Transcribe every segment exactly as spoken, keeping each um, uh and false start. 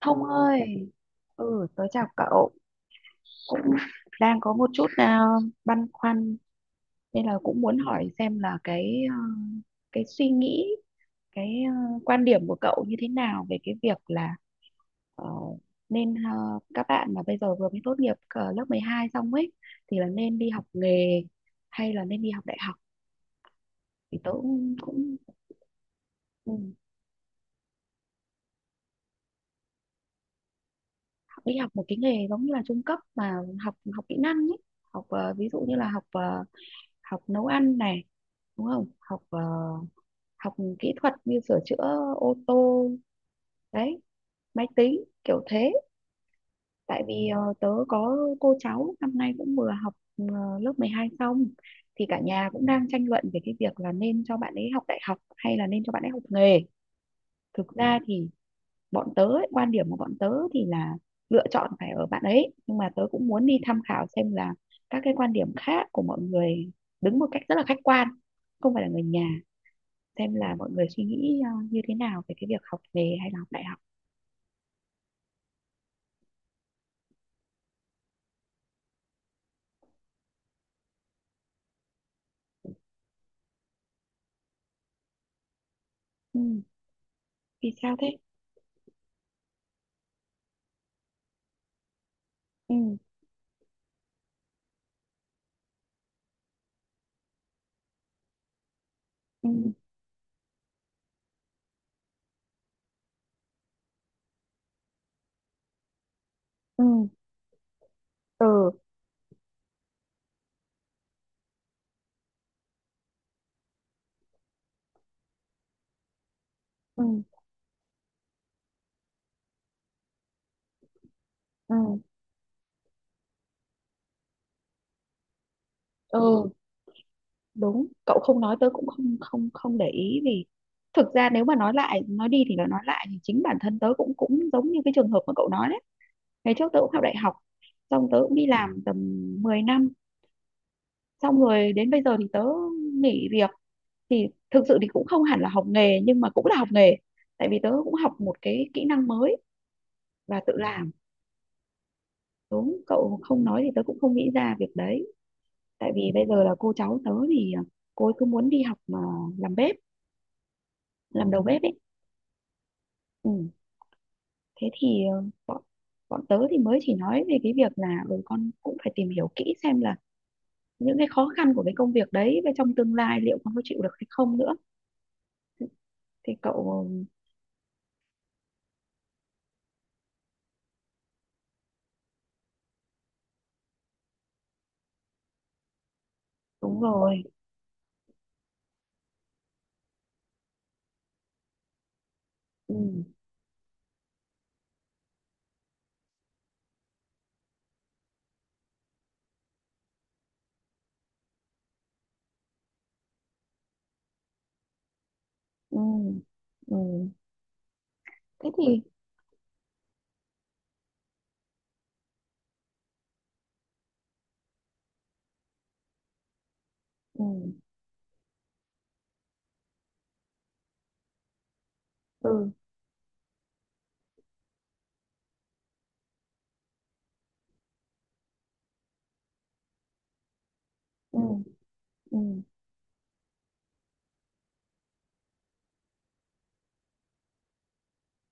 Thông ơi, ừ, tớ chào cậu, cũng đang có một chút à, băn khoăn nên là cũng muốn hỏi xem là cái à, cái suy nghĩ, cái à, quan điểm của cậu như thế nào về cái việc là ờ, nên à, các bạn mà bây giờ vừa mới tốt nghiệp ờ, lớp mười hai xong ấy thì là nên đi học nghề hay là nên đi học đại học thì tớ cũng, cũng ừ, đi học một cái nghề giống như là trung cấp mà học học kỹ năng ấy, học ờ, ví dụ như là học ờ, học nấu ăn này đúng không học ờ, học kỹ thuật như sửa chữa ô tô đấy máy tính kiểu thế, tại vì ờ, tớ có cô cháu năm nay cũng vừa học ờ, lớp mười hai xong thì cả nhà cũng đang tranh luận về cái việc là nên cho bạn ấy học đại học hay là nên cho bạn ấy học nghề. Thực ra thì bọn tớ ấy, quan điểm của bọn tớ thì là lựa chọn phải ở bạn ấy nhưng mà tớ cũng muốn đi tham khảo xem là các cái quan điểm khác của mọi người, đứng một cách rất là khách quan không phải là người nhà, xem là mọi người suy nghĩ ờ, như thế nào về cái việc học nghề hay là học đại học. Ừ. Vì sao thế? Ừ. Ừ. Ừ. Ừ. Ừ. Ừ. Ừ. Đúng, cậu không nói tớ cũng không không không để ý, vì thực ra nếu mà nói lại nói đi thì nó nói lại thì chính bản thân tớ cũng cũng giống như cái trường hợp mà cậu nói đấy. Ngày trước tớ cũng học đại học, xong tớ cũng đi làm tầm mười năm, xong rồi đến bây giờ thì tớ nghỉ việc, thì thực sự thì cũng không hẳn là học nghề nhưng mà cũng là học nghề, tại vì tớ cũng học một cái kỹ năng mới và tự làm. Đúng cậu không nói thì tớ cũng không nghĩ ra việc đấy. Tại vì bây giờ là cô cháu tớ thì ờ, cô ấy cứ muốn đi học mà làm bếp, làm đầu bếp ấy. Ừ. Thế thì ờ, bọn bọn tớ thì mới chỉ nói về cái việc là ừ, con cũng phải tìm hiểu kỹ xem là những cái khó khăn của cái công việc đấy và trong tương lai liệu con có chịu được hay không nữa. Thì cậu ờ, đúng rồi. Ừ. Ừ. Ừ. Thế thì ừ. Ừ. Ừ. Ừ.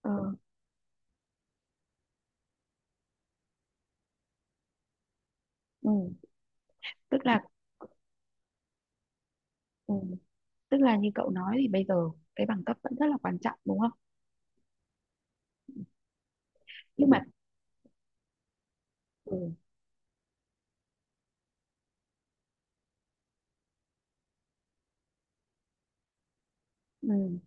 Ờ. Ừ. Tức là ừ. Tức là như cậu nói thì bây giờ cái bằng cấp vẫn rất là quan trọng, đúng không? Nhưng mà ừ, ừ,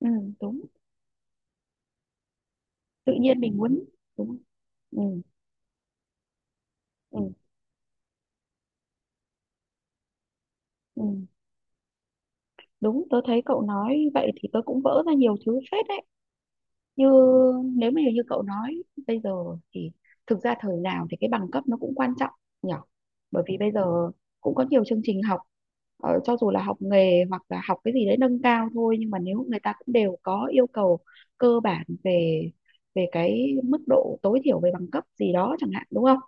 ừ, đúng. Tự nhiên mình muốn đúng. Ừ, ừ, ừ, đúng. Tớ thấy cậu nói vậy thì tớ cũng vỡ ra nhiều thứ phết đấy. Như nếu mà như cậu nói bây giờ thì thực ra thời nào thì cái bằng cấp nó cũng quan trọng nhở. Bởi vì bây giờ cũng có nhiều chương trình học, ờ, cho dù là học nghề hoặc là học cái gì đấy nâng cao thôi, nhưng mà nếu người ta cũng đều có yêu cầu cơ bản về về cái mức độ tối thiểu về bằng cấp gì đó chẳng hạn, đúng không.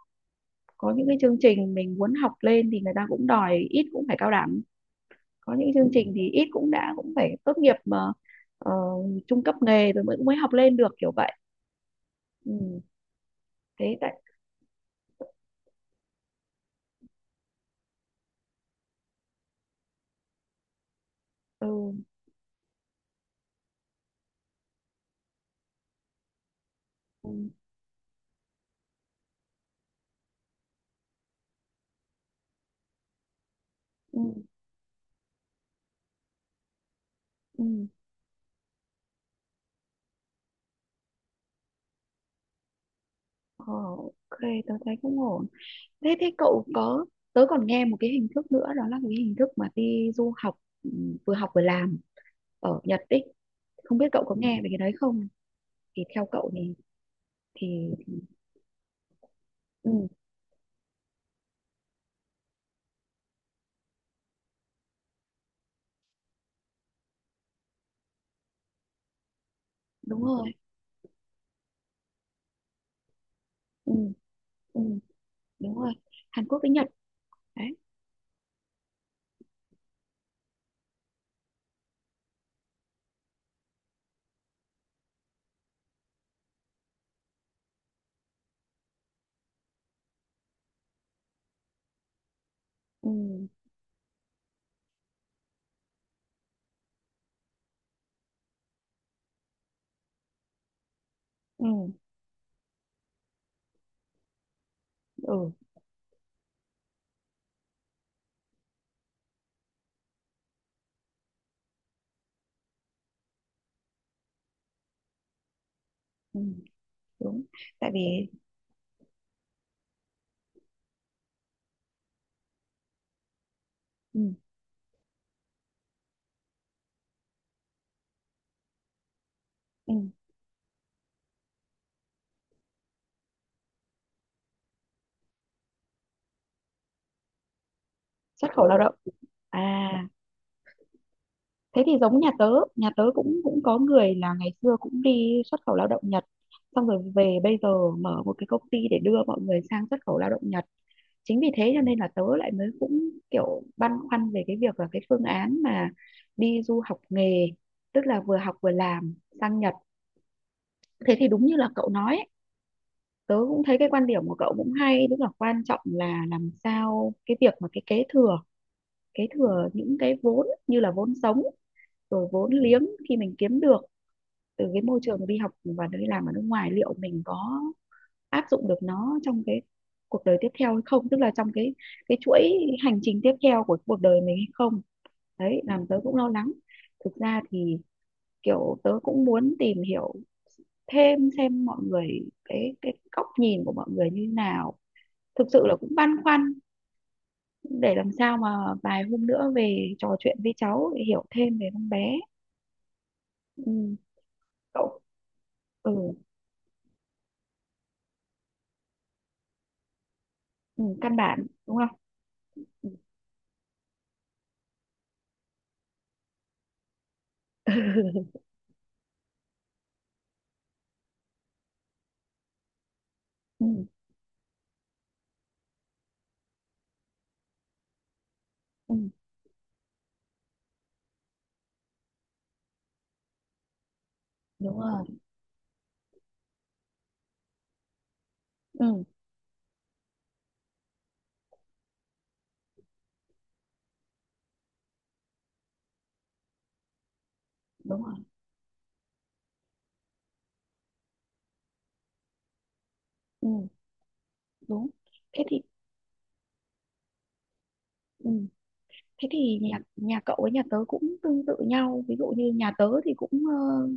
Có những cái chương trình mình muốn học lên thì người ta cũng đòi ít cũng phải cao đẳng. Có những chương trình thì ít cũng đã cũng phải tốt nghiệp mà ờ, trung cấp nghề rồi mới mới học lên được kiểu vậy. Ừ. Thế tại ừ. Ừ. Ừ. Ừ. Ờ, ok, tớ thấy cũng ổn. Thế thế cậu có, tớ còn nghe một cái hình thức nữa đó là cái hình thức mà đi du học, ừ, vừa học vừa làm ở Nhật ấy, không biết cậu có nghe về cái đấy không, thì theo cậu thì thì ừ, đúng rồi. Ừ, ừ, đúng rồi. Hàn Quốc với Nhật đấy. Ừ, ừ, ừ, ừ, đúng. Tại vì ừ, ừ, xuất khẩu lao động à. Thế thì giống nhà tớ, nhà tớ cũng cũng có người là ngày xưa cũng đi xuất khẩu lao động Nhật, xong rồi về bây giờ mở một cái công ty để đưa mọi người sang xuất khẩu lao động Nhật. Chính vì thế cho nên là tớ lại mới cũng kiểu băn khoăn về cái việc là cái phương án mà đi du học nghề, tức là vừa học vừa làm sang Nhật. Thế thì đúng như là cậu nói ấy, tớ cũng thấy cái quan điểm của cậu cũng hay, tức là quan trọng là làm sao cái việc mà cái kế thừa kế thừa những cái vốn như là vốn sống rồi vốn liếng khi mình kiếm được từ cái môi trường đi học và đi làm ở nước ngoài liệu mình có áp dụng được nó trong cái cuộc đời tiếp theo hay không, tức là trong cái cái chuỗi hành trình tiếp theo của cuộc đời mình hay không. Đấy làm tớ cũng lo lắng. Thực ra thì kiểu tớ cũng muốn tìm hiểu thêm xem mọi người cái cái góc nhìn của mọi người như nào. Thực sự là cũng băn khoăn để làm sao mà vài hôm nữa về trò chuyện với cháu để hiểu thêm về con bé. Ừ, cậu ừ, ừ, căn bản đúng không. Ừ. Ừ. Ừ. Đúng rồi. Ừ. Đúng rồi. Ừ. Đúng. Thế thì ừ. Thế thì nhà nhà cậu với nhà tớ cũng tương tự nhau, ví dụ như nhà tớ thì cũng ờ,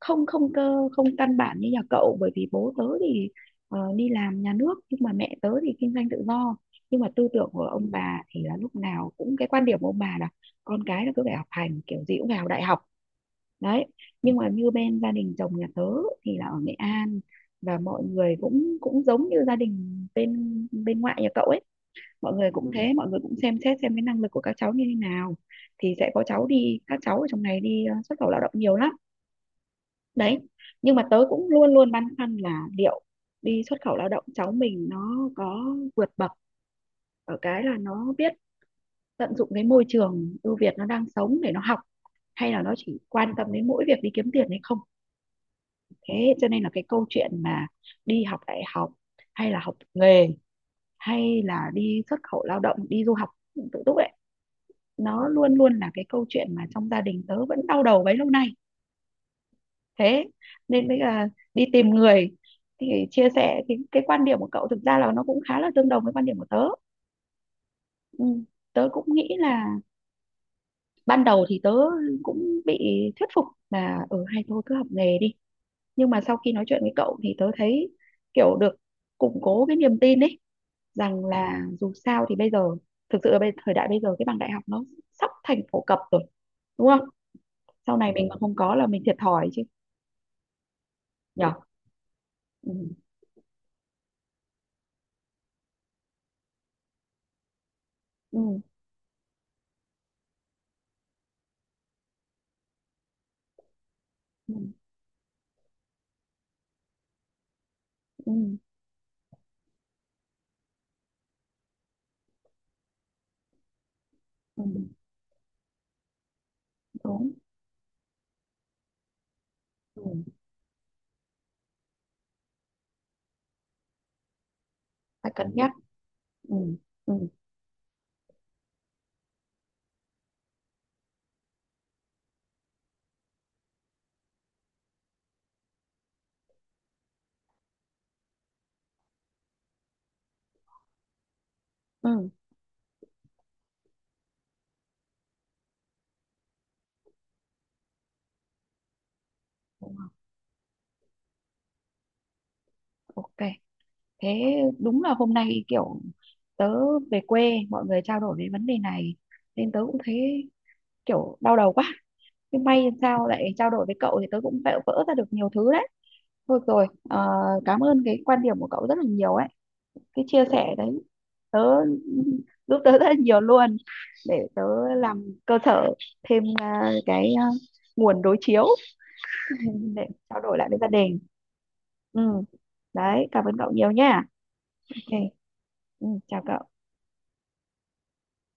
không không cơ không căn bản như nhà cậu, bởi vì bố tớ thì ờ, đi làm nhà nước nhưng mà mẹ tớ thì kinh doanh tự do. Nhưng mà tư tưởng của ông bà thì là lúc nào cũng cái quan điểm của ông bà là con cái là cứ phải học hành kiểu gì cũng phải học đại học đấy. Nhưng mà như bên gia đình chồng nhà tớ thì là ở Nghệ An, và mọi người cũng cũng giống như gia đình bên bên ngoại nhà cậu ấy, mọi người cũng ừ, thế mọi người cũng xem xét xem cái năng lực của các cháu như thế nào, thì sẽ có cháu đi, các cháu ở trong này đi ờ, xuất khẩu lao động nhiều lắm đấy. Nhưng mà tớ cũng luôn luôn băn khoăn là liệu đi xuất khẩu lao động cháu mình nó có vượt bậc ở cái là nó biết tận dụng cái môi trường ưu việt nó đang sống để nó học hay là nó chỉ quan tâm đến mỗi việc đi kiếm tiền hay không. Thế cho nên là cái câu chuyện mà đi học đại học hay là học nghề hay là đi xuất khẩu lao động đi du học tự túc ấy, nó luôn luôn là cái câu chuyện mà trong gia đình tớ vẫn đau đầu bấy lâu nay. Thế nên bây giờ đi tìm người thì chia sẻ, thì cái quan điểm của cậu thực ra là nó cũng khá là tương đồng với quan điểm của tớ. Ừ. Tớ cũng nghĩ là ban đầu thì tớ cũng bị thuyết phục là ở ừ, hay thôi cứ học nghề đi, nhưng mà sau khi nói chuyện với cậu thì tớ thấy kiểu được củng cố cái niềm tin ấy, rằng là dù sao thì bây giờ thực sự là bây thời đại bây giờ cái bằng đại học nó sắp thành phổ cập rồi, đúng không. Sau này mình mà không có là mình thiệt thòi chứ nhở. Ừ. Ừ. Ừ. Ừ. Ừ. Đúng. Ừ. Phải cân nhắc. Ừ. Ừ. Ừ. Ok, thế đúng là hôm nay kiểu tớ về quê mọi người trao đổi về vấn đề này nên tớ cũng thấy kiểu đau đầu quá, nhưng may làm sao lại trao đổi với cậu thì tớ cũng vỡ vỡ ra được nhiều thứ đấy. Thôi rồi, ờ, cảm ơn cái quan điểm của cậu rất là nhiều ấy. Cái chia sẻ đấy tớ giúp tớ rất là nhiều luôn, để tớ làm cơ sở thêm à, cái à, nguồn đối chiếu để trao đổi lại với gia đình. Ừ, đấy, cảm ơn cậu nhiều nha. Ok, ừ, chào cậu.